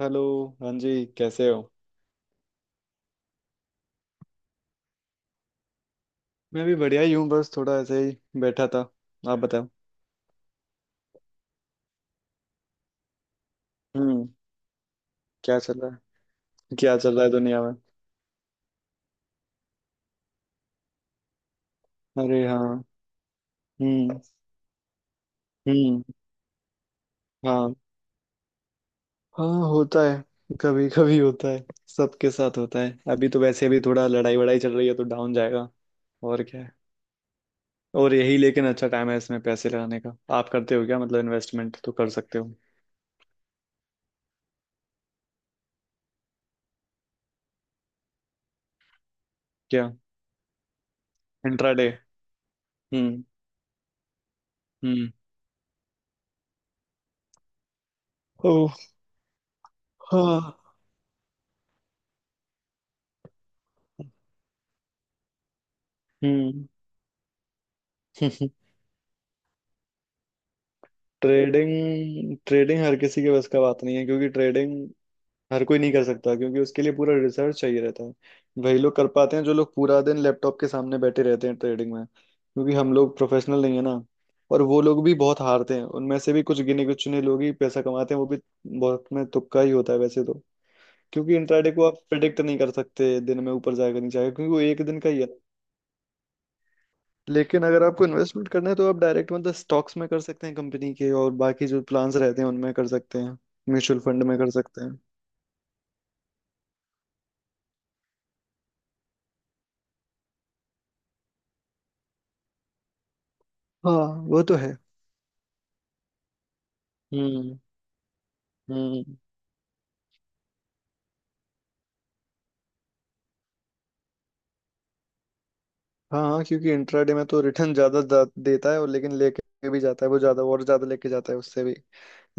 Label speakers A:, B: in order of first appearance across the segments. A: Hello. हाँ जी, कैसे हो? मैं भी बढ़िया ही हूँ, बस थोड़ा ऐसे ही बैठा था। आप बताओ। हम्म। क्या चल रहा है? क्या चल रहा है दुनिया में? अरे हाँ। हम्म। हम्म। हाँ। हाँ होता है, कभी कभी होता है। सबके साथ होता है, अभी तो वैसे भी थोड़ा लड़ाई वड़ाई चल रही है तो डाउन जाएगा। और क्या है। और यही, लेकिन अच्छा टाइम है इसमें पैसे लगाने का। आप करते हो क्या, मतलब इन्वेस्टमेंट तो कर सकते हो। क्या? इंट्राडे। हम्म। हम्म। ओह। हाँ। हम्म। ट्रेडिंग ट्रेडिंग हर किसी के बस का बात नहीं है, क्योंकि ट्रेडिंग हर कोई नहीं कर सकता क्योंकि उसके लिए पूरा रिसर्च चाहिए रहता है। वही लोग कर पाते हैं जो लोग पूरा दिन लैपटॉप के सामने बैठे रहते हैं ट्रेडिंग में, क्योंकि हम लोग प्रोफेशनल नहीं है ना। और वो लोग भी बहुत हारते हैं, उनमें से भी कुछ गिने कुछ चुने लोग ही पैसा कमाते हैं वो भी। बहुत में तुक्का ही होता है वैसे तो। क्योंकि इंट्राडे को आप प्रिडिक्ट नहीं कर सकते दिन में, ऊपर जाएगा नहीं जाएगा, क्योंकि वो एक दिन का ही है। लेकिन अगर आपको इन्वेस्टमेंट करना है तो आप डायरेक्ट मतलब स्टॉक्स में कर सकते हैं कंपनी के, और बाकी जो प्लान्स रहते हैं उनमें कर सकते हैं। म्यूचुअल फंड में कर सकते हैं। हाँ। वो तो है। हम्म। हम्म। हाँ हाँ, क्योंकि इंट्राडे में तो रिटर्न ज्यादा देता है, और लेकिन लेके भी जाता है वो ज्यादा, और ज्यादा लेके जाता है उससे भी।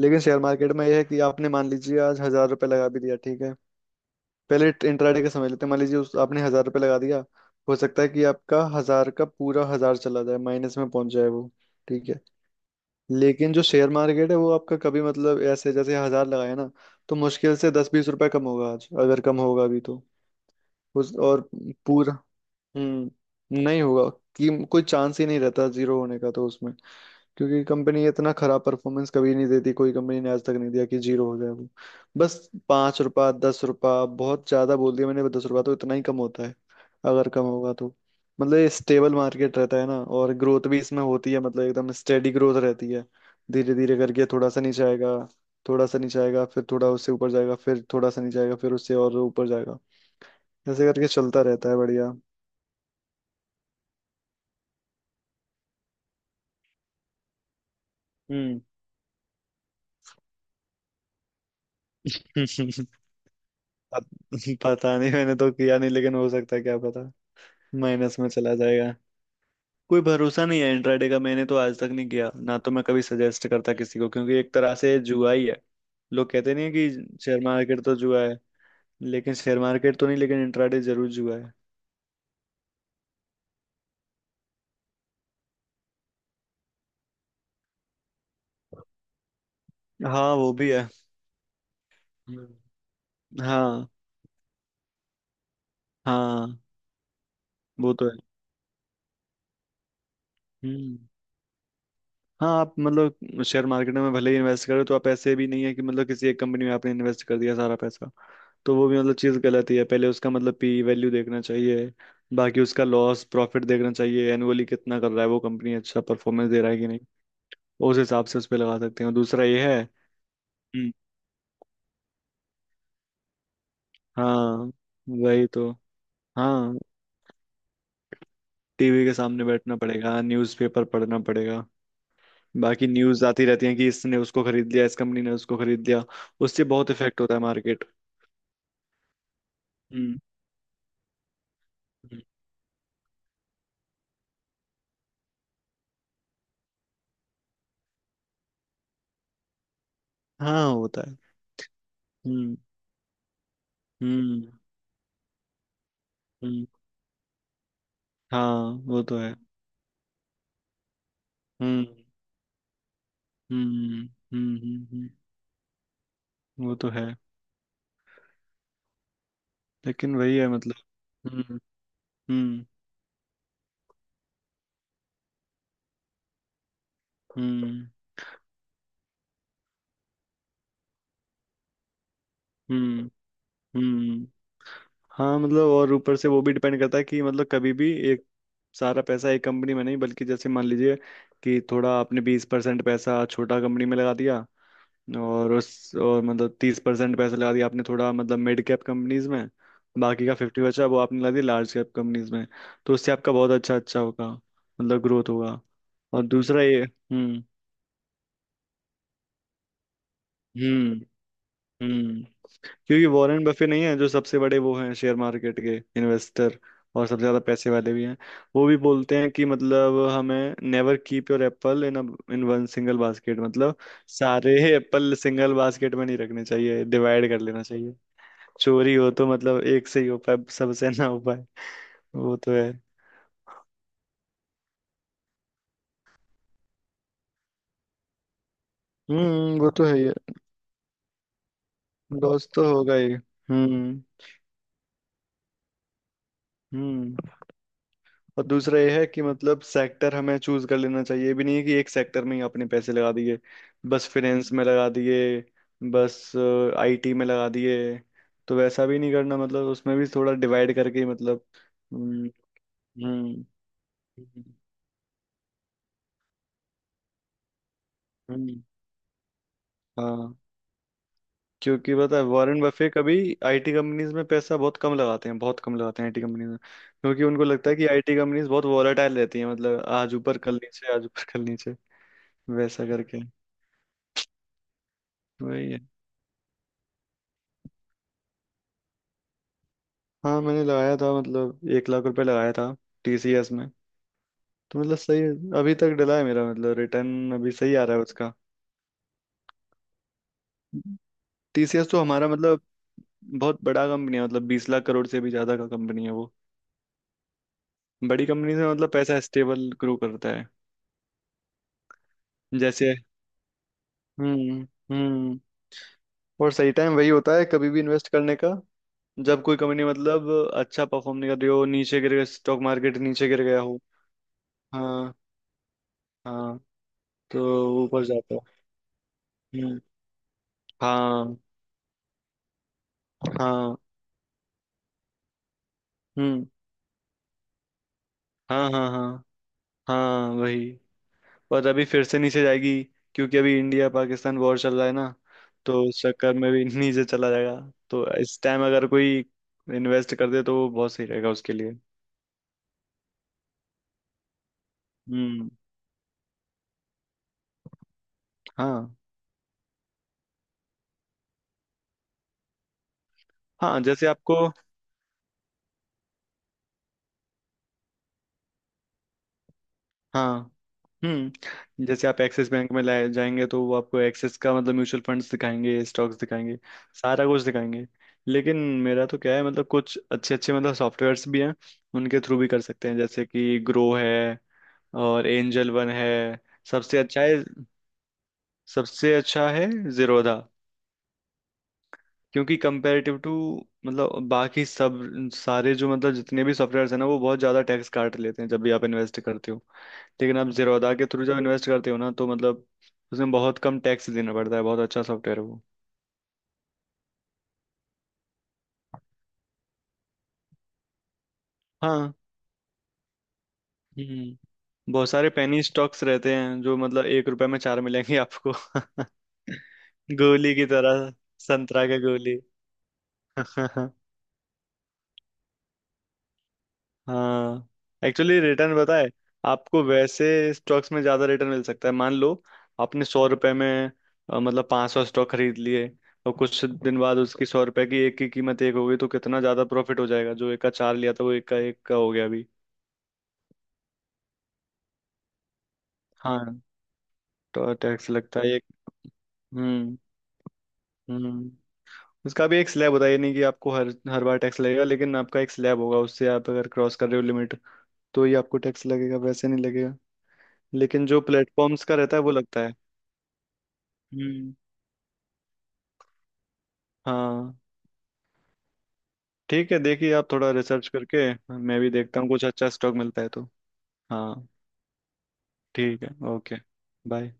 A: लेकिन शेयर मार्केट में यह है कि आपने मान लीजिए आज 1,000 रुपये लगा भी दिया, ठीक है। पहले इंट्राडे का समझ लेते हैं, मान लीजिए उस आपने 1,000 रुपये लगा दिया। हो सकता है कि आपका हजार का पूरा हजार चला जाए, माइनस में पहुंच जाए वो। ठीक है। लेकिन जो शेयर मार्केट है वो आपका कभी मतलब ऐसे, जैसे हजार लगाए ना, तो मुश्किल से 10-20 रुपए कम होगा आज, अगर कम होगा अभी तो। उस और पूरा। हम्म, नहीं होगा। कि कोई चांस ही नहीं रहता जीरो होने का तो उसमें। क्योंकि कंपनी इतना खराब परफॉर्मेंस कभी नहीं देती, कोई कंपनी ने आज तक नहीं दिया कि जीरो हो जाए वो। बस 5 रुपया 10 रुपया, बहुत ज्यादा बोल दिया मैंने 10 रुपया, तो इतना ही कम होता है अगर कम होगा तो। मतलब स्टेबल मार्केट रहता है ना, और ग्रोथ भी इसमें होती है, मतलब एकदम स्टेडी ग्रोथ रहती है। धीरे धीरे करके थोड़ा सा नीचे आएगा, थोड़ा सा नीचे आएगा फिर थोड़ा उससे ऊपर जाएगा, फिर थोड़ा सा नीचे आएगा फिर उससे और ऊपर जाएगा। ऐसे करके चलता रहता है, बढ़िया। हम्म। पता नहीं, मैंने तो किया नहीं, लेकिन हो सकता है क्या पता माइनस में चला जाएगा। कोई भरोसा नहीं है इंट्राडे का, मैंने तो आज तक नहीं किया ना, तो मैं कभी सजेस्ट करता किसी को, क्योंकि एक तरह से जुआ ही है। लोग कहते नहीं है कि शेयर मार्केट तो जुआ है। लेकिन शेयर मार्केट तो नहीं, लेकिन इंट्राडे जरूर जुआ है। हाँ वो भी है। हम्म। हाँ। हाँ, वो तो है। हम्म। हाँ आप मतलब शेयर मार्केट में भले ही इन्वेस्ट करो, तो आप ऐसे भी नहीं है कि मतलब किसी एक कंपनी में आपने इन्वेस्ट कर दिया सारा पैसा, तो वो भी मतलब चीज़ गलत ही है। पहले उसका मतलब P वैल्यू देखना चाहिए, बाकी उसका लॉस प्रॉफिट देखना चाहिए, एनुअली कितना कर रहा है वो कंपनी, अच्छा परफॉर्मेंस दे रहा है कि नहीं, उस हिसाब से उस पर लगा सकते हैं। और दूसरा ये है। हम्म। हाँ, वही तो। हाँ, टीवी के सामने बैठना पड़ेगा, न्यूज़पेपर पढ़ना पड़ेगा। बाकी न्यूज़ आती रहती है कि इसने उसको खरीद लिया, इस कंपनी ने उसको खरीद लिया, उससे बहुत इफेक्ट होता है मार्केट। हम्म। हम्म। हाँ होता है। हम्म। हम्म। हम्म। हाँ, वो तो है। हम्म। हम्म। हम्म। वो तो है। लेकिन वही है मतलब। हम्म। हम्म। हम्म। हम्म। हम्म। हाँ मतलब और ऊपर से वो भी डिपेंड करता है कि मतलब कभी भी एक सारा पैसा एक कंपनी में नहीं, बल्कि जैसे मान लीजिए कि थोड़ा आपने 20% पैसा छोटा कंपनी में लगा दिया, और उस और मतलब 30% पैसा लगा दिया आपने थोड़ा, मतलब मिड कैप कंपनीज में। बाकी का 50 बचा वो आपने लगा दिया लार्ज कैप कंपनीज में। तो उससे आपका बहुत अच्छा अच्छा होगा, मतलब ग्रोथ होगा। और दूसरा ये। हम्म। हम्म। हम्म। क्योंकि वॉरेन बफे नहीं है, जो सबसे बड़े वो हैं शेयर मार्केट के इन्वेस्टर, और सबसे ज्यादा पैसे वाले भी हैं। वो भी बोलते हैं कि मतलब, हमें never keep your apple in in one single basket. मतलब सारे एप्पल सिंगल बास्केट में नहीं रखने चाहिए, डिवाइड कर लेना चाहिए। चोरी हो तो मतलब एक से ही हो पाए, सबसे ना हो पाए। वो तो है। हम्म, वो तो है ही है। लॉस तो होगा ही। हम्म। हम्म। और दूसरा यह है कि मतलब सेक्टर हमें चूज कर लेना चाहिए। ये भी नहीं है कि एक सेक्टर में ही अपने पैसे लगा दिए, बस फाइनेंस में लगा दिए, बस आईटी में लगा दिए। तो वैसा भी नहीं करना, मतलब उसमें भी थोड़ा डिवाइड करके ही, मतलब। हम्म। हम्म। हम्म, हाँ क्योंकि पता है वॉरेन बफे कभी आईटी कंपनीज में पैसा बहुत कम लगाते हैं, बहुत कम लगाते हैं आईटी कंपनीज में, क्योंकि उनको लगता है कि आईटी कंपनीज बहुत वॉलेटाइल रहती हैं। मतलब आज ऊपर कल नीचे, आज ऊपर कल नीचे। वैसा करके। वही है। हाँ मैंने लगाया था, मतलब 1 लाख रुपए लगाया था टीसीएस में। तो मतलब सही है, अभी तक डला है मेरा, मतलब रिटर्न अभी सही आ रहा है उसका। टीसीएस तो हमारा मतलब बहुत बड़ा कंपनी है, मतलब 20 लाख करोड़ से भी ज्यादा का कंपनी है वो। बड़ी कंपनी से मतलब पैसा स्टेबल ग्रो करता है। जैसे। हम्म। हम्म। और सही टाइम वही होता है कभी भी इन्वेस्ट करने का, जब कोई कंपनी मतलब अच्छा परफॉर्म नहीं कर रही हो, नीचे गिर गया स्टॉक मार्केट, नीचे गिर गया हो। हाँ। हाँ, तो ऊपर जाता है। हम्म। हाँ हाँ। हम्म। हाँ हाँ हाँ। हाँ वही। और अभी फिर से नीचे जाएगी, क्योंकि अभी इंडिया पाकिस्तान वॉर चल रहा है ना, तो उस चक्कर में भी नीचे चला जाएगा। तो इस टाइम अगर कोई इन्वेस्ट कर दे तो वो बहुत सही रहेगा उसके लिए। हम्म। हाँ, हाँ जैसे आपको। हाँ। हम्म, जैसे आप एक्सिस बैंक में लाए जाएंगे, तो वो आपको एक्सिस का मतलब म्यूचुअल फंड्स दिखाएंगे, स्टॉक्स दिखाएंगे, सारा कुछ दिखाएंगे। लेकिन मेरा तो क्या है, मतलब कुछ अच्छे अच्छे मतलब सॉफ्टवेयर्स भी हैं, उनके थ्रू भी कर सकते हैं, जैसे कि ग्रो है, और एंजल वन है। सबसे अच्छा है, सबसे अच्छा है जीरोधा, क्योंकि कंपेरेटिव टू मतलब बाकी सब, सारे जो मतलब जितने भी सॉफ्टवेयर हैं ना, वो बहुत ज़्यादा टैक्स काट लेते हैं जब भी आप इन्वेस्ट करते हो। लेकिन आप जीरोधा के थ्रू जब इन्वेस्ट करते हो ना, तो मतलब उसमें बहुत कम टैक्स देना पड़ता है। बहुत अच्छा सॉफ्टवेयर है वो। हाँ। हम्म, बहुत सारे पेनी स्टॉक्स रहते हैं जो मतलब 1 रुपए में चार मिलेंगे आपको गोली की तरह। संतरा के गोली। हाँ। एक्चुअली रिटर्न पता है आपको, वैसे स्टॉक्स में ज्यादा रिटर्न मिल सकता है। मान लो आपने 100 रुपए में मतलब 500 स्टॉक खरीद लिए, और कुछ दिन बाद उसकी 100 रुपए की एक की कीमत एक हो गई, तो कितना ज्यादा प्रॉफिट हो जाएगा। जो एक का चार लिया था वो एक का हो गया अभी। हाँ, तो टैक्स लगता है एक। हम्म। हम्म। उसका भी एक स्लैब होता है, ये नहीं कि आपको हर हर बार टैक्स लगेगा, लेकिन आपका एक स्लैब होगा, उससे आप अगर क्रॉस कर रहे हो लिमिट तो ही आपको टैक्स लगेगा, वैसे नहीं लगेगा। लेकिन जो प्लेटफॉर्म्स का रहता है वो लगता है। हम्म। हाँ, ठीक है देखिए आप थोड़ा रिसर्च करके, मैं भी देखता हूँ कुछ अच्छा स्टॉक मिलता है तो। हाँ। ठीक है। ओके। बाय।